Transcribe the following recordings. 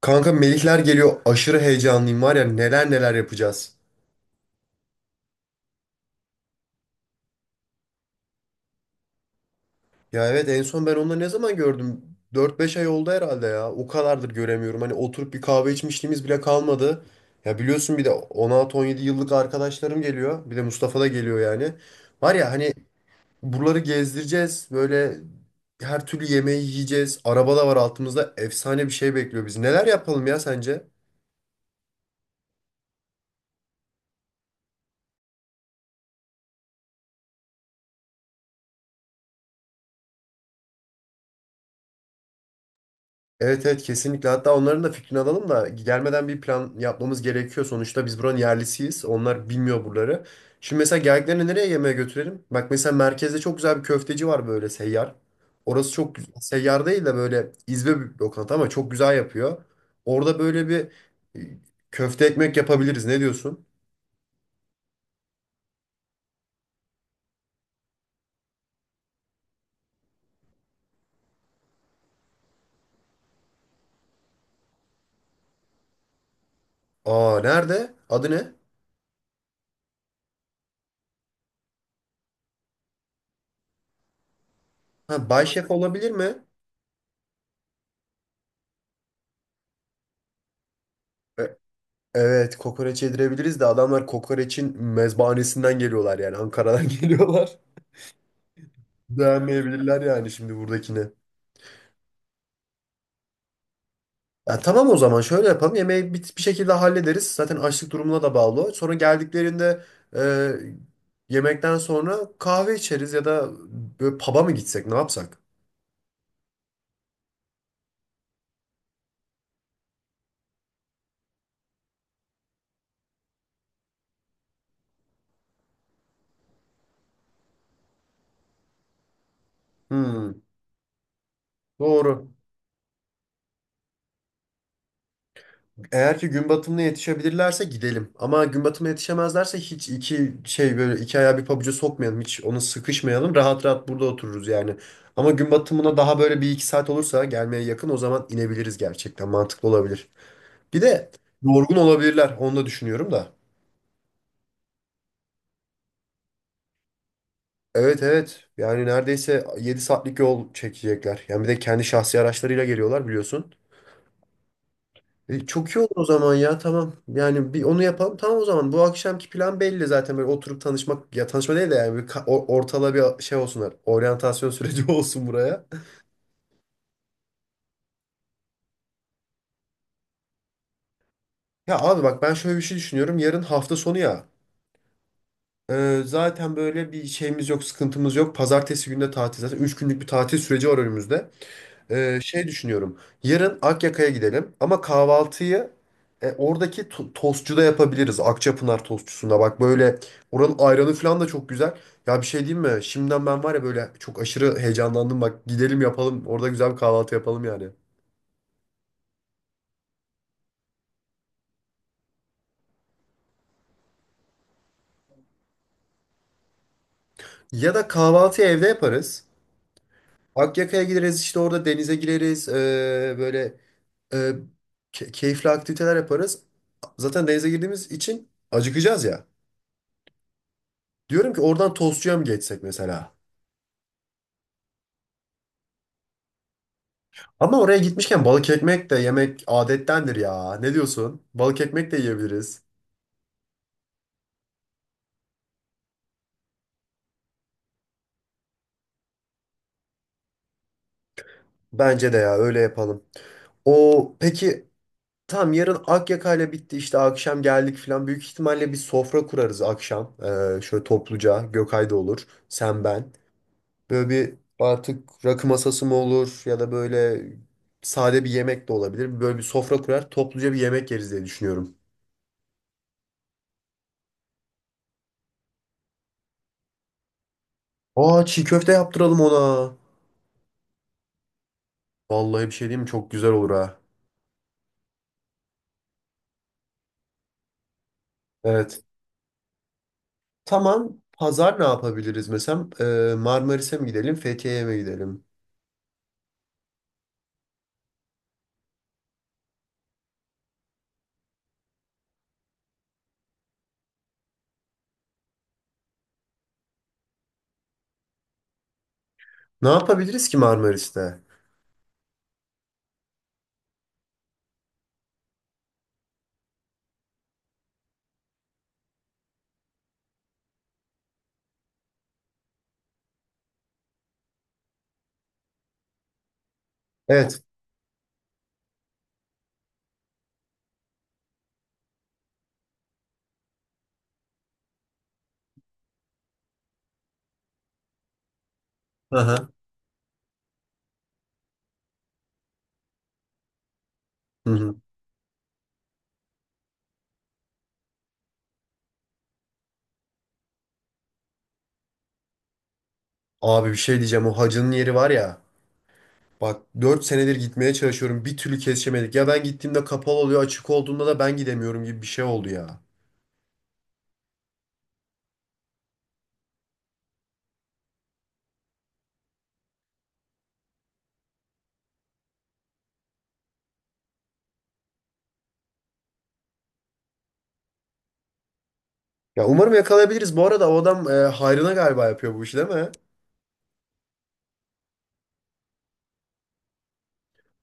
Kanka Melihler geliyor. Aşırı heyecanlıyım var ya neler neler yapacağız. Ya evet en son ben onları ne zaman gördüm? 4-5 ay oldu herhalde ya. O kadardır göremiyorum. Hani oturup bir kahve içmişliğimiz bile kalmadı. Ya biliyorsun bir de 16-17 yıllık arkadaşlarım geliyor. Bir de Mustafa da geliyor yani. Var ya hani buraları gezdireceğiz. Böyle her türlü yemeği yiyeceğiz. Araba da var altımızda. Efsane bir şey bekliyor bizi. Neler yapalım ya sence? Evet evet, kesinlikle. Hatta onların da fikrini alalım da gelmeden bir plan yapmamız gerekiyor. Sonuçta biz buranın yerlisiyiz. Onlar bilmiyor buraları. Şimdi mesela geldiklerini nereye yemeğe götürelim? Bak mesela merkezde çok güzel bir köfteci var böyle seyyar. Orası çok güzel. Seyyar değil de böyle izbe bir lokanta ama çok güzel yapıyor. Orada böyle bir e, köfte ekmek yapabiliriz. Ne diyorsun? Aa, nerede? Adı ne? Ha, Bay Şef olabilir mi? E, Evet, kokoreç yedirebiliriz de adamlar kokoreçin mezbahanesinden geliyorlar yani Ankara'dan geliyorlar. Beğenmeyebilirler yani şimdi buradakini. Ya tamam, o zaman şöyle yapalım. Yemeği bir şekilde hallederiz. Zaten açlık durumuna da bağlı. Sonra geldiklerinde e, yemekten sonra kahve içeriz ya da böyle pub'a mı gitsek, ne yapsak? Hmm, doğru. Eğer ki gün batımına yetişebilirlerse gidelim. Ama gün batımına yetişemezlerse hiç iki şey böyle, iki ayağı bir pabuca sokmayalım. Hiç ona sıkışmayalım. Rahat rahat burada otururuz yani. Ama gün batımına daha böyle bir iki saat olursa gelmeye yakın, o zaman inebiliriz gerçekten. Mantıklı olabilir. Bir de yorgun olabilirler. Onu da düşünüyorum da. Evet evet. Yani neredeyse 7 saatlik yol çekecekler. Yani bir de kendi şahsi araçlarıyla geliyorlar biliyorsun. Çok iyi olur o zaman, ya tamam. Yani bir onu yapalım, tamam o zaman. Bu akşamki plan belli zaten, böyle oturup tanışmak. Ya tanışma değil de yani ortala bir şey olsunlar. Oryantasyon süreci olsun buraya. Ya abi bak, ben şöyle bir şey düşünüyorum. Yarın hafta sonu ya. Zaten böyle bir şeyimiz yok, sıkıntımız yok. Pazartesi günü de tatil zaten. 3 günlük bir tatil süreci var önümüzde. Şey düşünüyorum. Yarın Akyaka'ya gidelim ama kahvaltıyı oradaki tostçuda yapabiliriz. Akçapınar tostçusunda bak, böyle oranın ayranı falan da çok güzel. Ya bir şey diyeyim mi? Şimdiden ben var ya böyle çok aşırı heyecanlandım. Bak gidelim, yapalım. Orada güzel bir kahvaltı yapalım yani. Ya da kahvaltıyı evde yaparız. Akyaka'ya gideriz, işte orada denize gireriz. Böyle e, keyifli aktiviteler yaparız. Zaten denize girdiğimiz için acıkacağız ya. Diyorum ki oradan tostçuya mı geçsek mesela? Ama oraya gitmişken balık ekmek de yemek adettendir ya. Ne diyorsun? Balık ekmek de yiyebiliriz. Bence de ya, öyle yapalım. O peki, tam yarın Akyaka'yla bitti, işte akşam geldik falan. Büyük ihtimalle bir sofra kurarız akşam. Şöyle topluca, Gökay da olur. Sen, ben. Böyle bir artık rakı masası mı olur ya da böyle sade bir yemek de olabilir. Böyle bir sofra kurar, topluca bir yemek yeriz diye düşünüyorum. Aa, çiğ köfte yaptıralım ona. Vallahi bir şey diyeyim mi? Çok güzel olur ha. Evet. Tamam. Pazar ne yapabiliriz mesela? Marmaris'e mi gidelim, Fethiye'ye mi gidelim? Ne yapabiliriz ki Marmaris'te? Evet. Aha. Hı hı. Abi bir şey diyeceğim. O hacının yeri var ya. Bak, 4 senedir gitmeye çalışıyorum. Bir türlü kesişemedik. Ya ben gittiğimde kapalı oluyor. Açık olduğunda da ben gidemiyorum gibi bir şey oldu ya. Ya umarım yakalayabiliriz. Bu arada o adam hayrına galiba yapıyor bu işi, değil mi?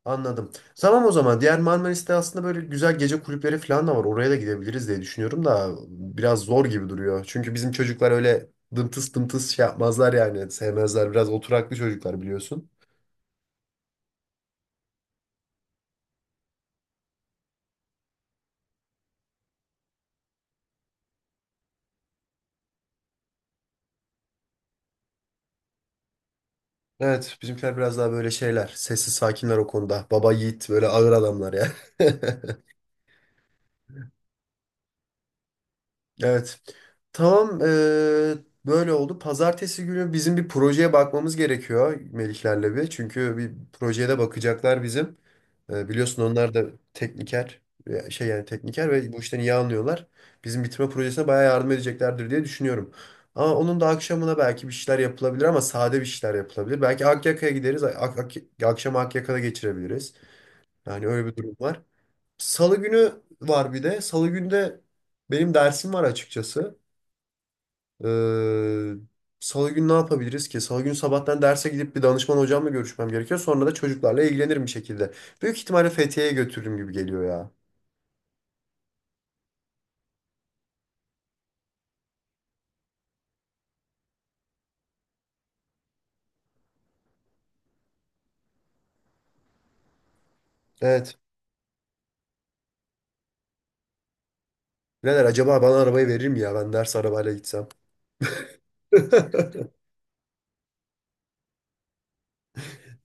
Anladım. Tamam o zaman. Diğer Marmaris'te aslında böyle güzel gece kulüpleri falan da var. Oraya da gidebiliriz diye düşünüyorum da biraz zor gibi duruyor. Çünkü bizim çocuklar öyle dımtıs dımtıs şey yapmazlar yani. Sevmezler. Biraz oturaklı çocuklar, biliyorsun. Evet, bizimkiler biraz daha böyle şeyler. Sessiz sakinler o konuda. Baba yiğit, böyle ağır adamlar ya. Evet. Tamam. Böyle oldu. Pazartesi günü bizim bir projeye bakmamız gerekiyor Melihlerle bir. Çünkü bir projeye de bakacaklar bizim. Biliyorsun onlar da tekniker e, şey yani tekniker ve bu işten iyi anlıyorlar. Bizim bitirme projesine bayağı yardım edeceklerdir diye düşünüyorum. Ama onun da akşamına belki bir şeyler yapılabilir ama sade bir şeyler yapılabilir. Belki Akyaka'ya gideriz. Ak ak Akşamı Akyaka'da geçirebiliriz. Yani öyle bir durum var. Salı günü var bir de. Salı günde benim dersim var açıkçası. Ee, Salı günü ne yapabiliriz ki? Salı günü sabahtan derse gidip bir danışman hocamla görüşmem gerekiyor. Sonra da çocuklarla ilgilenirim bir şekilde. Büyük ihtimalle Fethiye'ye götürürüm gibi geliyor ya. Evet. Birader acaba bana arabayı verir mi ya? Ben ders arabayla gitsem.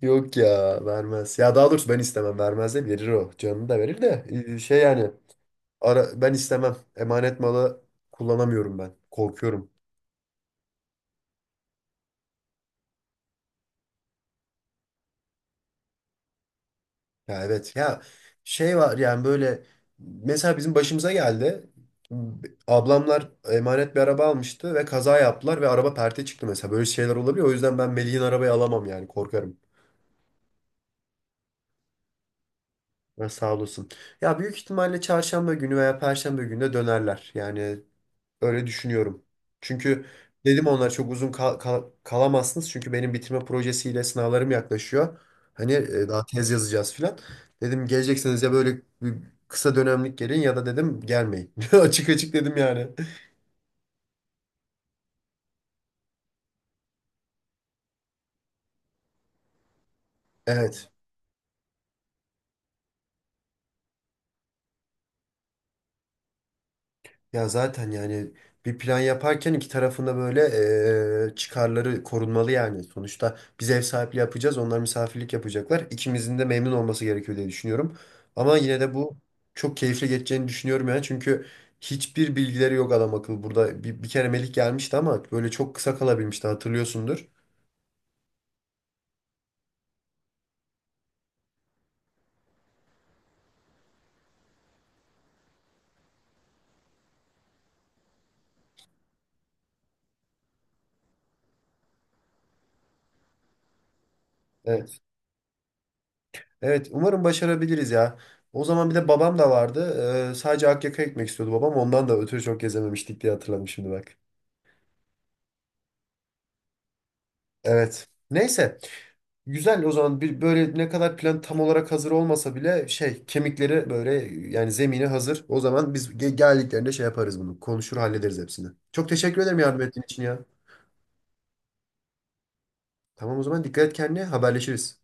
Yok ya, vermez. Ya daha doğrusu ben istemem. Vermez de verir o. Canını da verir de. Şey yani. Ben istemem. Emanet malı kullanamıyorum ben. Korkuyorum. Ya evet ya, şey var yani böyle, mesela bizim başımıza geldi. Ablamlar emanet bir araba almıştı ve kaza yaptılar ve araba perte çıktı mesela. Böyle şeyler olabiliyor. O yüzden ben Melih'in arabayı alamam yani, korkarım. Ha, sağ olasın. Ya büyük ihtimalle çarşamba günü veya perşembe günü de dönerler. Yani öyle düşünüyorum. Çünkü dedim, onlar çok uzun kalamazsınız. Çünkü benim bitirme projesiyle sınavlarım yaklaşıyor. Hani daha tez yazacağız filan. Dedim, gelecekseniz ya böyle bir kısa dönemlik gelin ya da dedim gelmeyin. Açık açık dedim yani. Evet. Ya zaten yani bir plan yaparken iki tarafında böyle çıkarları korunmalı yani. Sonuçta biz ev sahipliği yapacağız, onlar misafirlik yapacaklar. İkimizin de memnun olması gerekiyor diye düşünüyorum. Ama yine de bu çok keyifli geçeceğini düşünüyorum yani. Çünkü hiçbir bilgileri yok adam akıllı. Burada bir kere Melih gelmişti ama böyle çok kısa kalabilmişti, hatırlıyorsundur. Evet. Evet, umarım başarabiliriz ya. O zaman bir de babam da vardı. Sadece Akyaka'ya gitmek istiyordu babam. Ondan da ötürü çok gezememiştik diye hatırladım şimdi bak. Evet. Neyse. Güzel, o zaman bir böyle ne kadar plan tam olarak hazır olmasa bile şey kemikleri böyle, yani zemini hazır. O zaman biz geldiklerinde şey yaparız bunu. Konuşur hallederiz hepsini. Çok teşekkür ederim yardım ettiğin için ya. Tamam o zaman, dikkat et kendine, haberleşiriz.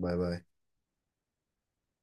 Bay bay.